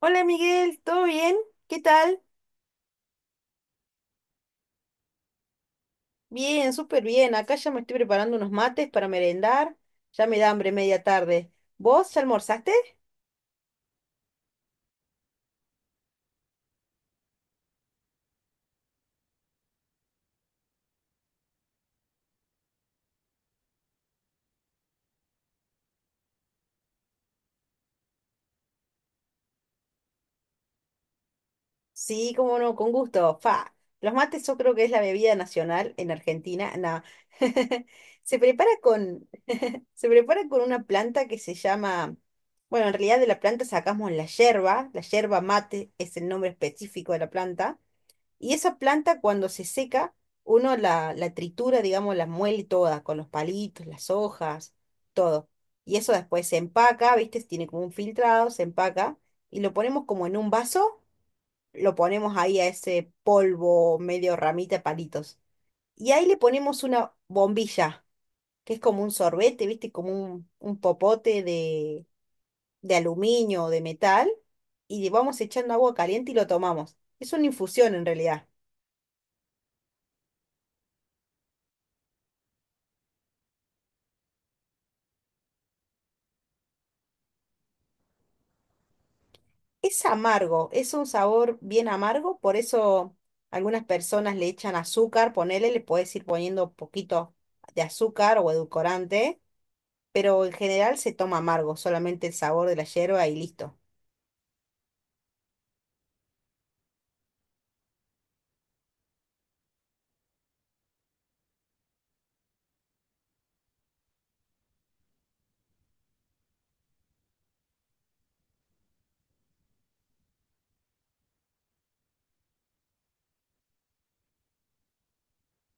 Hola Miguel, ¿todo bien? ¿Qué tal? Bien, súper bien. Acá ya me estoy preparando unos mates para merendar. Ya me da hambre media tarde. ¿Vos ya almorzaste? Sí, cómo no, con gusto. Fa. Los mates yo creo que es la bebida nacional en Argentina. No. Se prepara con, se prepara con una planta que se llama, bueno, en realidad de la planta sacamos la yerba. La yerba mate es el nombre específico de la planta. Y esa planta cuando se seca, uno la tritura, digamos, la muele toda, con los palitos, las hojas, todo. Y eso después se empaca, ¿viste? Tiene como un filtrado, se empaca y lo ponemos como en un vaso, lo ponemos ahí a ese polvo medio ramita de palitos. Y ahí le ponemos una bombilla, que es como un sorbete, ¿viste? Como un popote de aluminio o de metal. Y le vamos echando agua caliente y lo tomamos. Es una infusión en realidad. Es amargo, es un sabor bien amargo, por eso algunas personas le echan azúcar, ponele, le puedes ir poniendo poquito de azúcar o edulcorante, pero en general se toma amargo, solamente el sabor de la yerba y listo.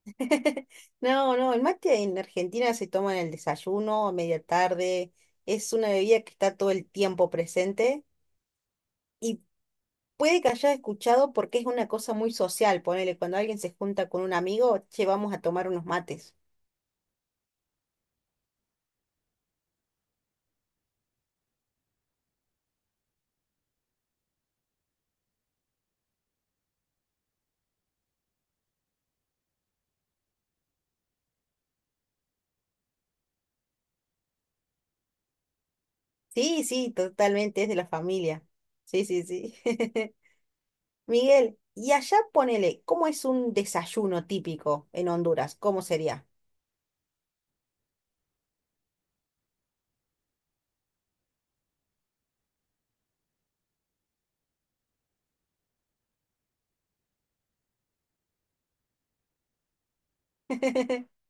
No, no, el mate en Argentina se toma en el desayuno, a media tarde, es una bebida que está todo el tiempo presente y puede que hayas escuchado porque es una cosa muy social, ponele, cuando alguien se junta con un amigo, che, vamos a tomar unos mates. Sí, sí, totalmente es de la familia. Sí, sí, sí. Miguel, y allá ponele, ¿cómo es un desayuno típico en Honduras? ¿Cómo sería?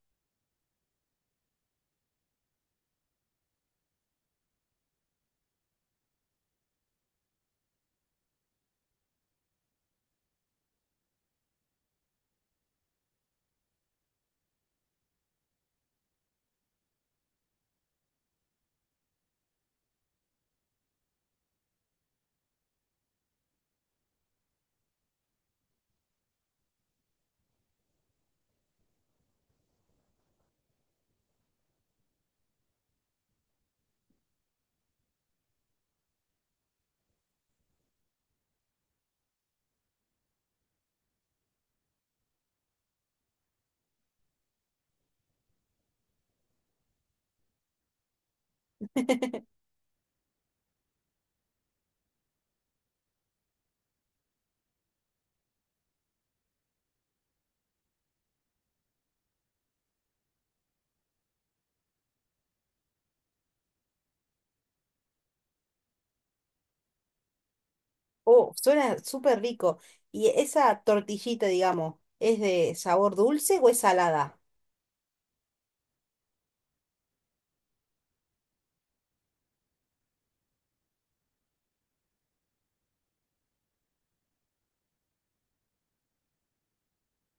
Oh, suena súper rico. ¿Y esa tortillita, digamos, es de sabor dulce o es salada?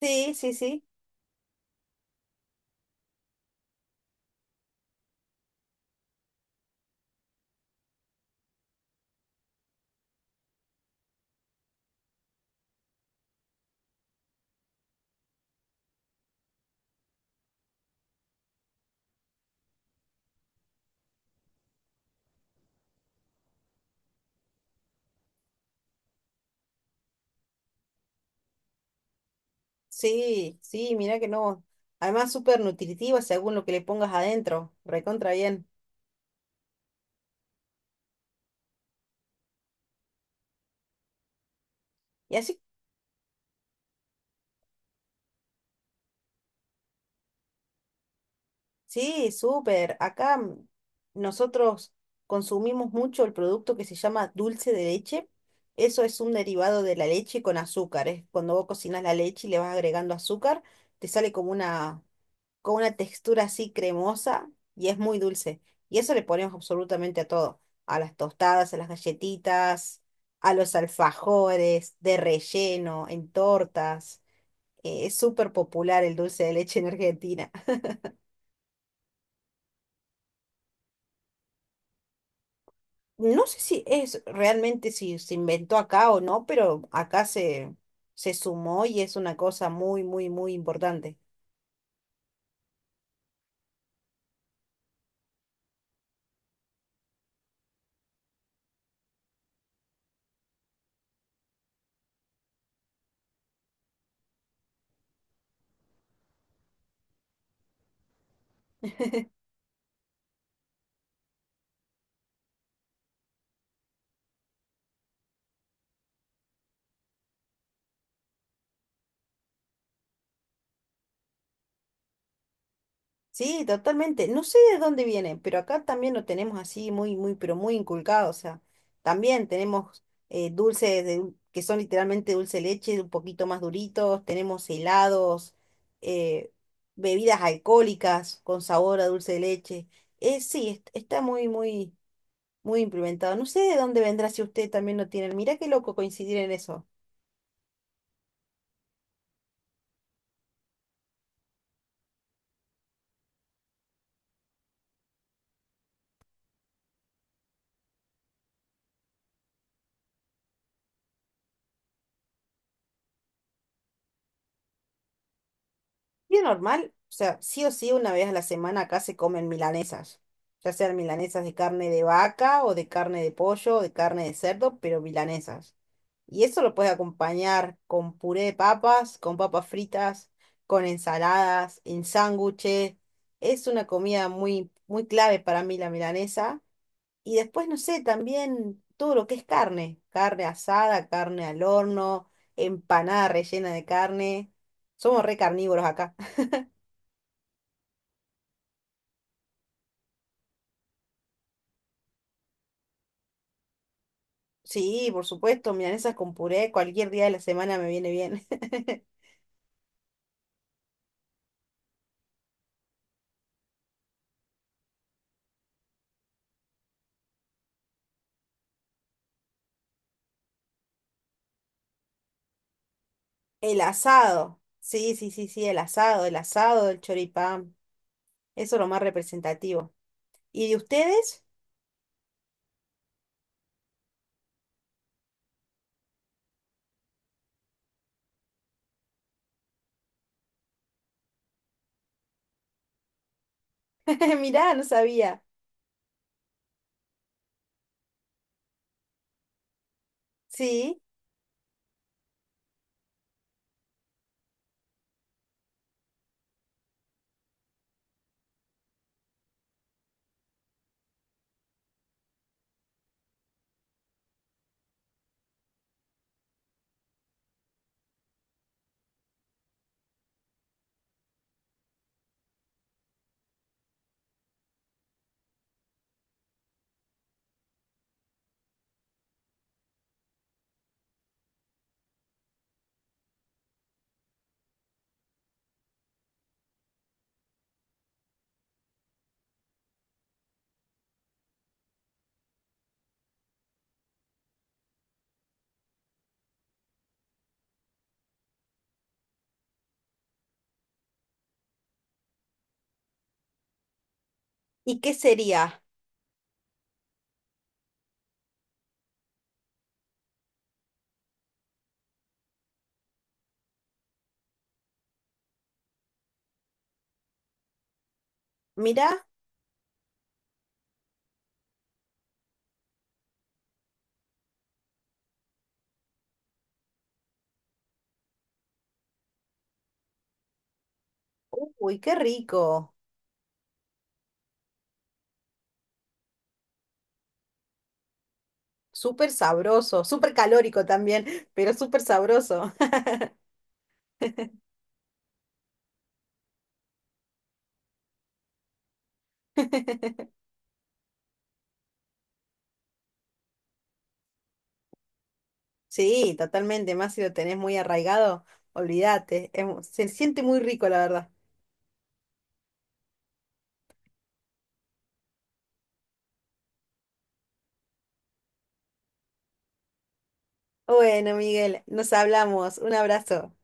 Sí, sí, sí. Sí, sí, mira que no. Además, súper nutritiva según lo que le pongas adentro. Recontra bien. Y así sí, súper. Acá nosotros consumimos mucho el producto que se llama dulce de leche. Eso es un derivado de la leche con azúcar. Es cuando vos cocinas la leche y le vas agregando azúcar, te sale como una textura así cremosa y es muy dulce. Y eso le ponemos absolutamente a todo. A las tostadas, a las galletitas, a los alfajores, de relleno, en tortas. Es súper popular el dulce de leche en Argentina. No sé si es realmente si se inventó acá o no, pero acá se, se sumó y es una cosa muy, muy, muy importante. Sí, totalmente. No sé de dónde viene, pero acá también lo tenemos así muy, muy, pero muy inculcado. O sea, también tenemos dulces de dul- que son literalmente dulce de leche, un poquito más duritos. Tenemos helados, eh, bebidas alcohólicas con sabor a dulce de leche. Sí, est- está muy, muy muy implementado. No sé de dónde vendrá si usted también lo tiene. Mirá qué loco coincidir en eso. Bien normal, o sea, sí o sí, una vez a la semana acá se comen milanesas. Ya sean milanesas de carne de vaca o de carne de pollo o de carne de cerdo, pero milanesas. Y eso lo puedes acompañar con puré de papas, con papas fritas, con ensaladas, en sándwiches. Es una comida muy, muy clave para mí la milanesa. Y después, no sé, también todo lo que es carne, carne asada, carne al horno, empanada rellena de carne. Somos re carnívoros acá. Sí, por supuesto, milanesas con puré, cualquier día de la semana me viene bien. El asado. Sí, sí, sí, sí, el asado, el asado, el choripán. Eso es lo más representativo. ¿Y de ustedes? Mirá, no sabía. Sí. ¿Y qué sería? Mirá. Uy, qué rico. Súper sabroso, súper calórico también, pero súper sabroso. Sí, totalmente, más si lo tenés muy arraigado, olvídate, es mu- se siente muy rico, la verdad. Bueno, Miguel, nos hablamos, un abrazo.